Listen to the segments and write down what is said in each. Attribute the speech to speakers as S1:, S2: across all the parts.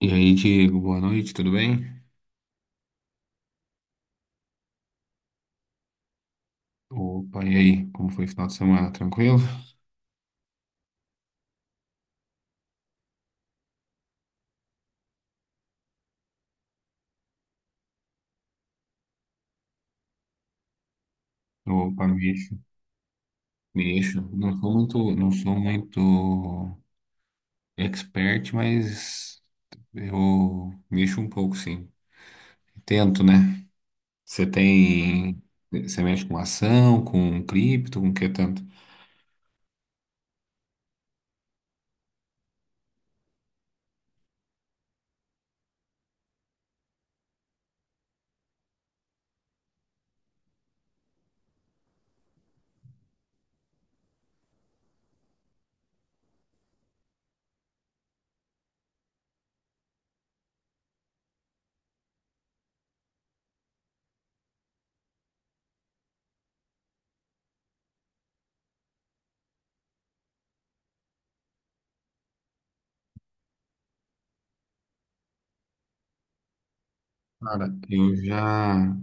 S1: E aí, Diego, boa noite, tudo bem? Opa, e aí, como foi o final de semana? Tranquilo? Opa, mexo, mexo. Não sou muito expert, mas eu mexo um pouco, sim. Tento, né? Você tem, você mexe com ação, com cripto, com que tanto? Cara, eu já,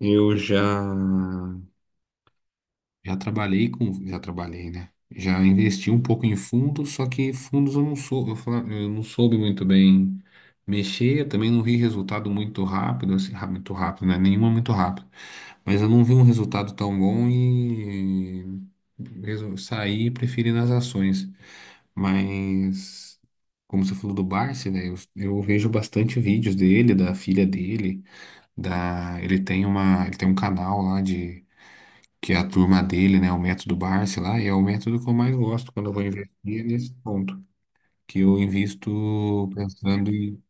S1: eu já Já trabalhei, né? Já investi um pouco em fundos, só que fundos eu não sou, eu não soube muito bem mexer, eu também não vi resultado muito rápido, assim, muito rápido, né? Nenhuma muito rápido. Mas eu não vi um resultado tão bom e saí e preferi nas ações. Mas como você falou do Barsi, né? Eu vejo bastante vídeos dele, da filha dele, da ele tem uma, ele tem um canal lá que é a turma dele, né? O método Barsi lá, e é o método que eu mais gosto quando eu vou investir é nesse ponto. Que eu invisto pensando em.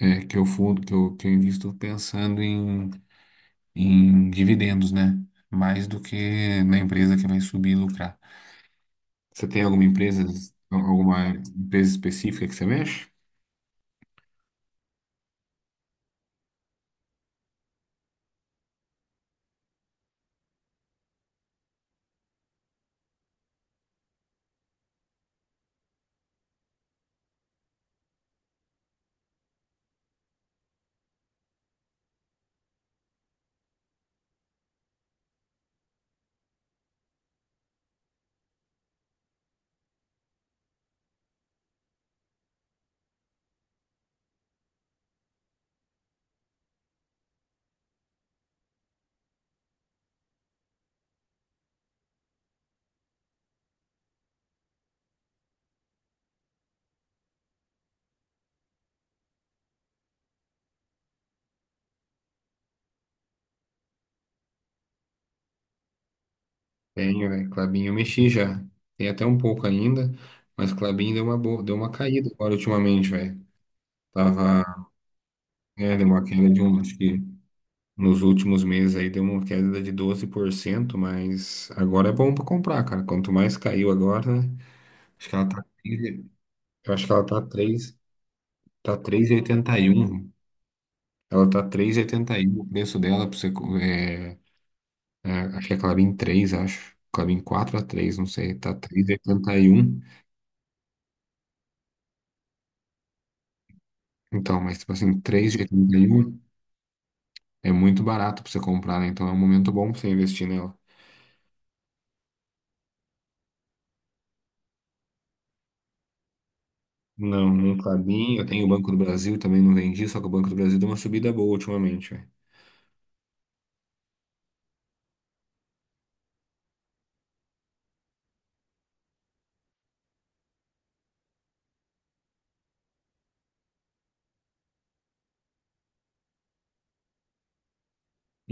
S1: É, que eu fundo, que eu invisto pensando em, em dividendos, né? Mais do que na empresa que vai subir e lucrar. Você tem alguma empresa específica que você mexe? Tenho, velho. Klabin eu mexi já. Tem até um pouco ainda, mas Klabin deu uma boa, deu uma caída agora ultimamente, velho. Tava, é, deu uma queda de um, acho que Nos últimos meses aí deu uma queda de doze por cento, mas agora é bom para comprar, cara. Quanto mais caiu agora, né? Acho que ela tá, eu acho que ela tá três, tá três e oitenta e um. Ela tá três e oitenta e um o preço dela para você é, é, acho que é Clabin 3 acho. Clabin 4 a 3 não sei, tá três e oitenta e um. Então, mas tipo assim, três e oitenta e um é muito barato para você comprar, né? Então é um momento bom para você investir nela. Não, não Klabin. Eu tenho o Banco do Brasil, também não vendi, só que o Banco do Brasil deu uma subida boa ultimamente, velho.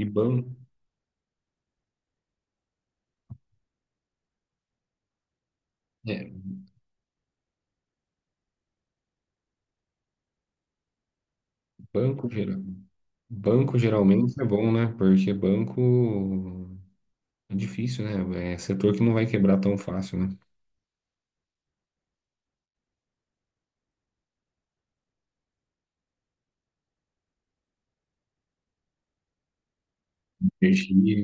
S1: E banco, é, banco geral, banco geralmente é bom, né? Porque banco é difícil, né? É setor que não vai quebrar tão fácil, né? Perdi,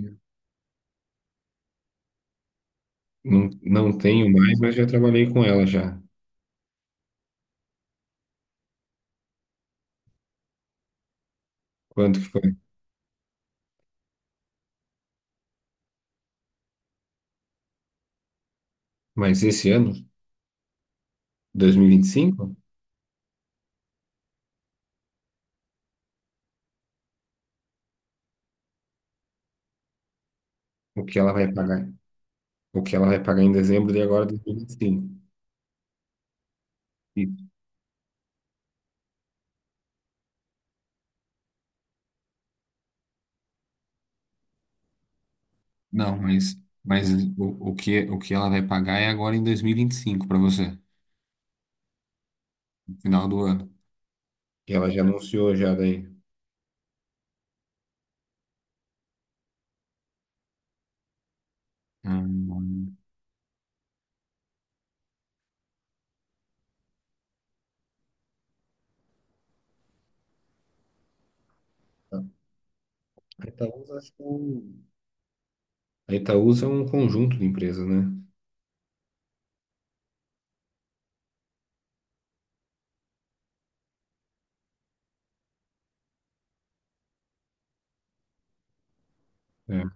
S1: não, não tenho mais, mas já trabalhei com ela já. Quanto que foi? Mas esse ano, 2025, o que ela vai pagar? O que ela vai pagar em dezembro de agora, 2025. Não, mas o que ela vai pagar é agora em dois mil e vinte e cinco para você, no final do ano. Que ela já anunciou já daí. Hum. A Itaúsa, acho que é um- a Itaúsa é um conjunto de empresas, né? É.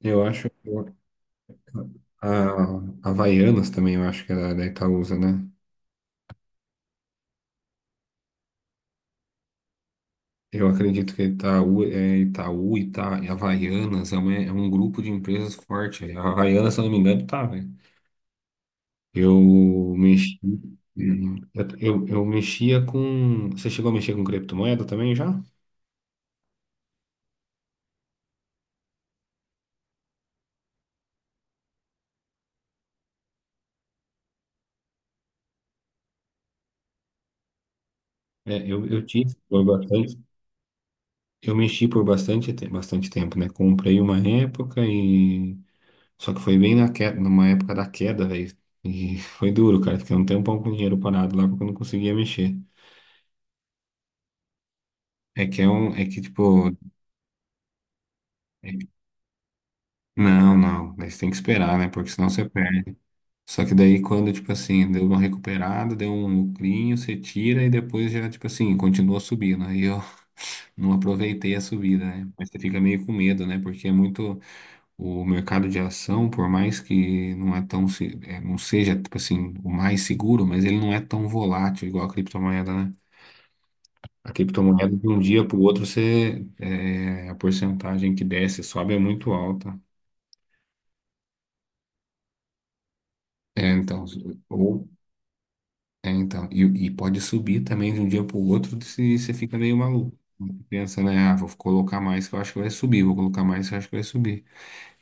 S1: Eu acho que eu- a a Havaianas também, eu acho que é da da Itaúsa, né? Eu acredito que Itaú, é Itaú, Ita, e Havaianas é, uma- é um grupo de empresas forte. A Havaianas, se eu não me engano, tá, né? Eu mexi, eu mexia com. Você chegou a mexer com criptomoeda também já? É, eu tive por bastante. Eu mexi por bastante, bastante tempo, né? Comprei uma época e. Só que foi bem na queda, numa época da queda, velho. E foi duro, cara. Fiquei um tempão com o dinheiro parado lá porque eu não conseguia mexer. É que é um. É que, tipo. é que- Não, não. Mas tem que esperar, né? Porque senão você Só que daí quando, tipo assim, deu uma recuperada, deu um lucrinho, você tira e depois já, tipo assim, continua subindo. Aí eu não aproveitei a subida, né? Mas você fica meio com medo, né? Porque é muito o mercado de ação, por mais que não é tão, é, não seja, tipo assim, o mais seguro, mas ele não é tão volátil igual a criptomoeda, né? A criptomoeda de um dia para o outro, você, é, a porcentagem que desce, e sobe é muito alta. É, então, ou é, então, e pode subir também de um dia para o outro se você fica meio maluco. Pensa, né? Ah, vou colocar mais que eu acho que vai subir, vou colocar mais que eu acho que vai subir.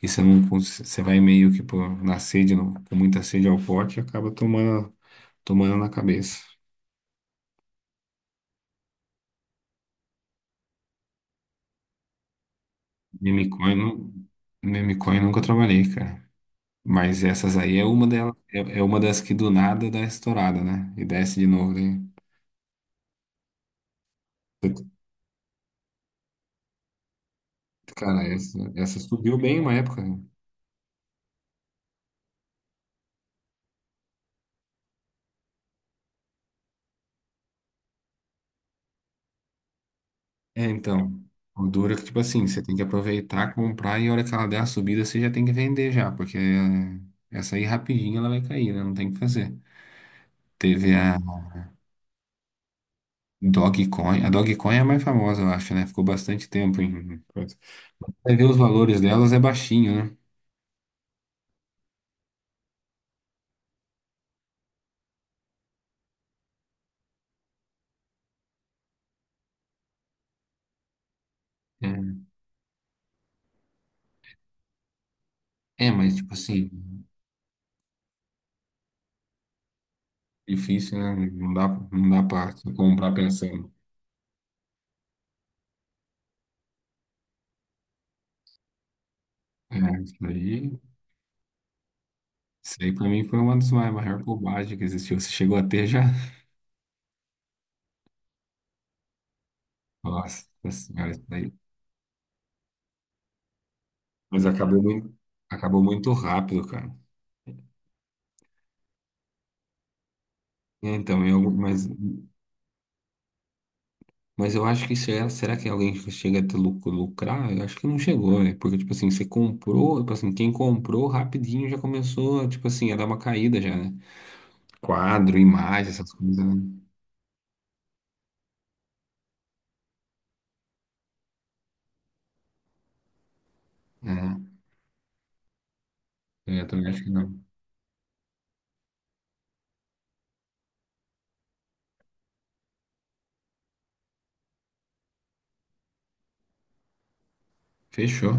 S1: E você não, você vai meio que pô, na sede, não, com muita sede ao pote, e acaba tomando, tomando na cabeça. Memecoin, não, memecoin nunca trabalhei, cara. Mas essas aí é uma delas, é, é uma das que do nada dá estourada, né? E desce de novo, né? Cara, essa subiu bem uma época. É, então, o duro é que, tipo assim, você tem que aproveitar, comprar e a hora que ela der a subida, você já tem que vender já, porque é, essa aí rapidinho ela vai cair, né? Não tem o que fazer. Teve a Dogecoin. A Dogecoin é a mais famosa, eu acho, né? Ficou bastante tempo em... coisa. Vai ver os valores delas é baixinho, né? É, é, mas, tipo assim, difícil, né? Não dá, não dá pra comprar pensando. É, isso aí, isso aí pra mim foi uma das maiores bobagens que existiu. Você chegou a ter já? Nossa senhora, isso daí. Mas acabou muito rápido, cara. É, então, eu, mas eu acho que será, será que alguém chega a ter lucro, lucrar? Eu acho que não chegou, né? Porque, tipo assim, você comprou, tipo assim, quem comprou rapidinho já começou, tipo assim, a dar uma caída já, né? Quadro, imagem, essas coisas, né? É, eu também acho que não. Fechou.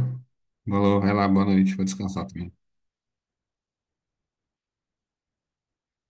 S1: Falou, vai lá, boa noite, vou descansar também.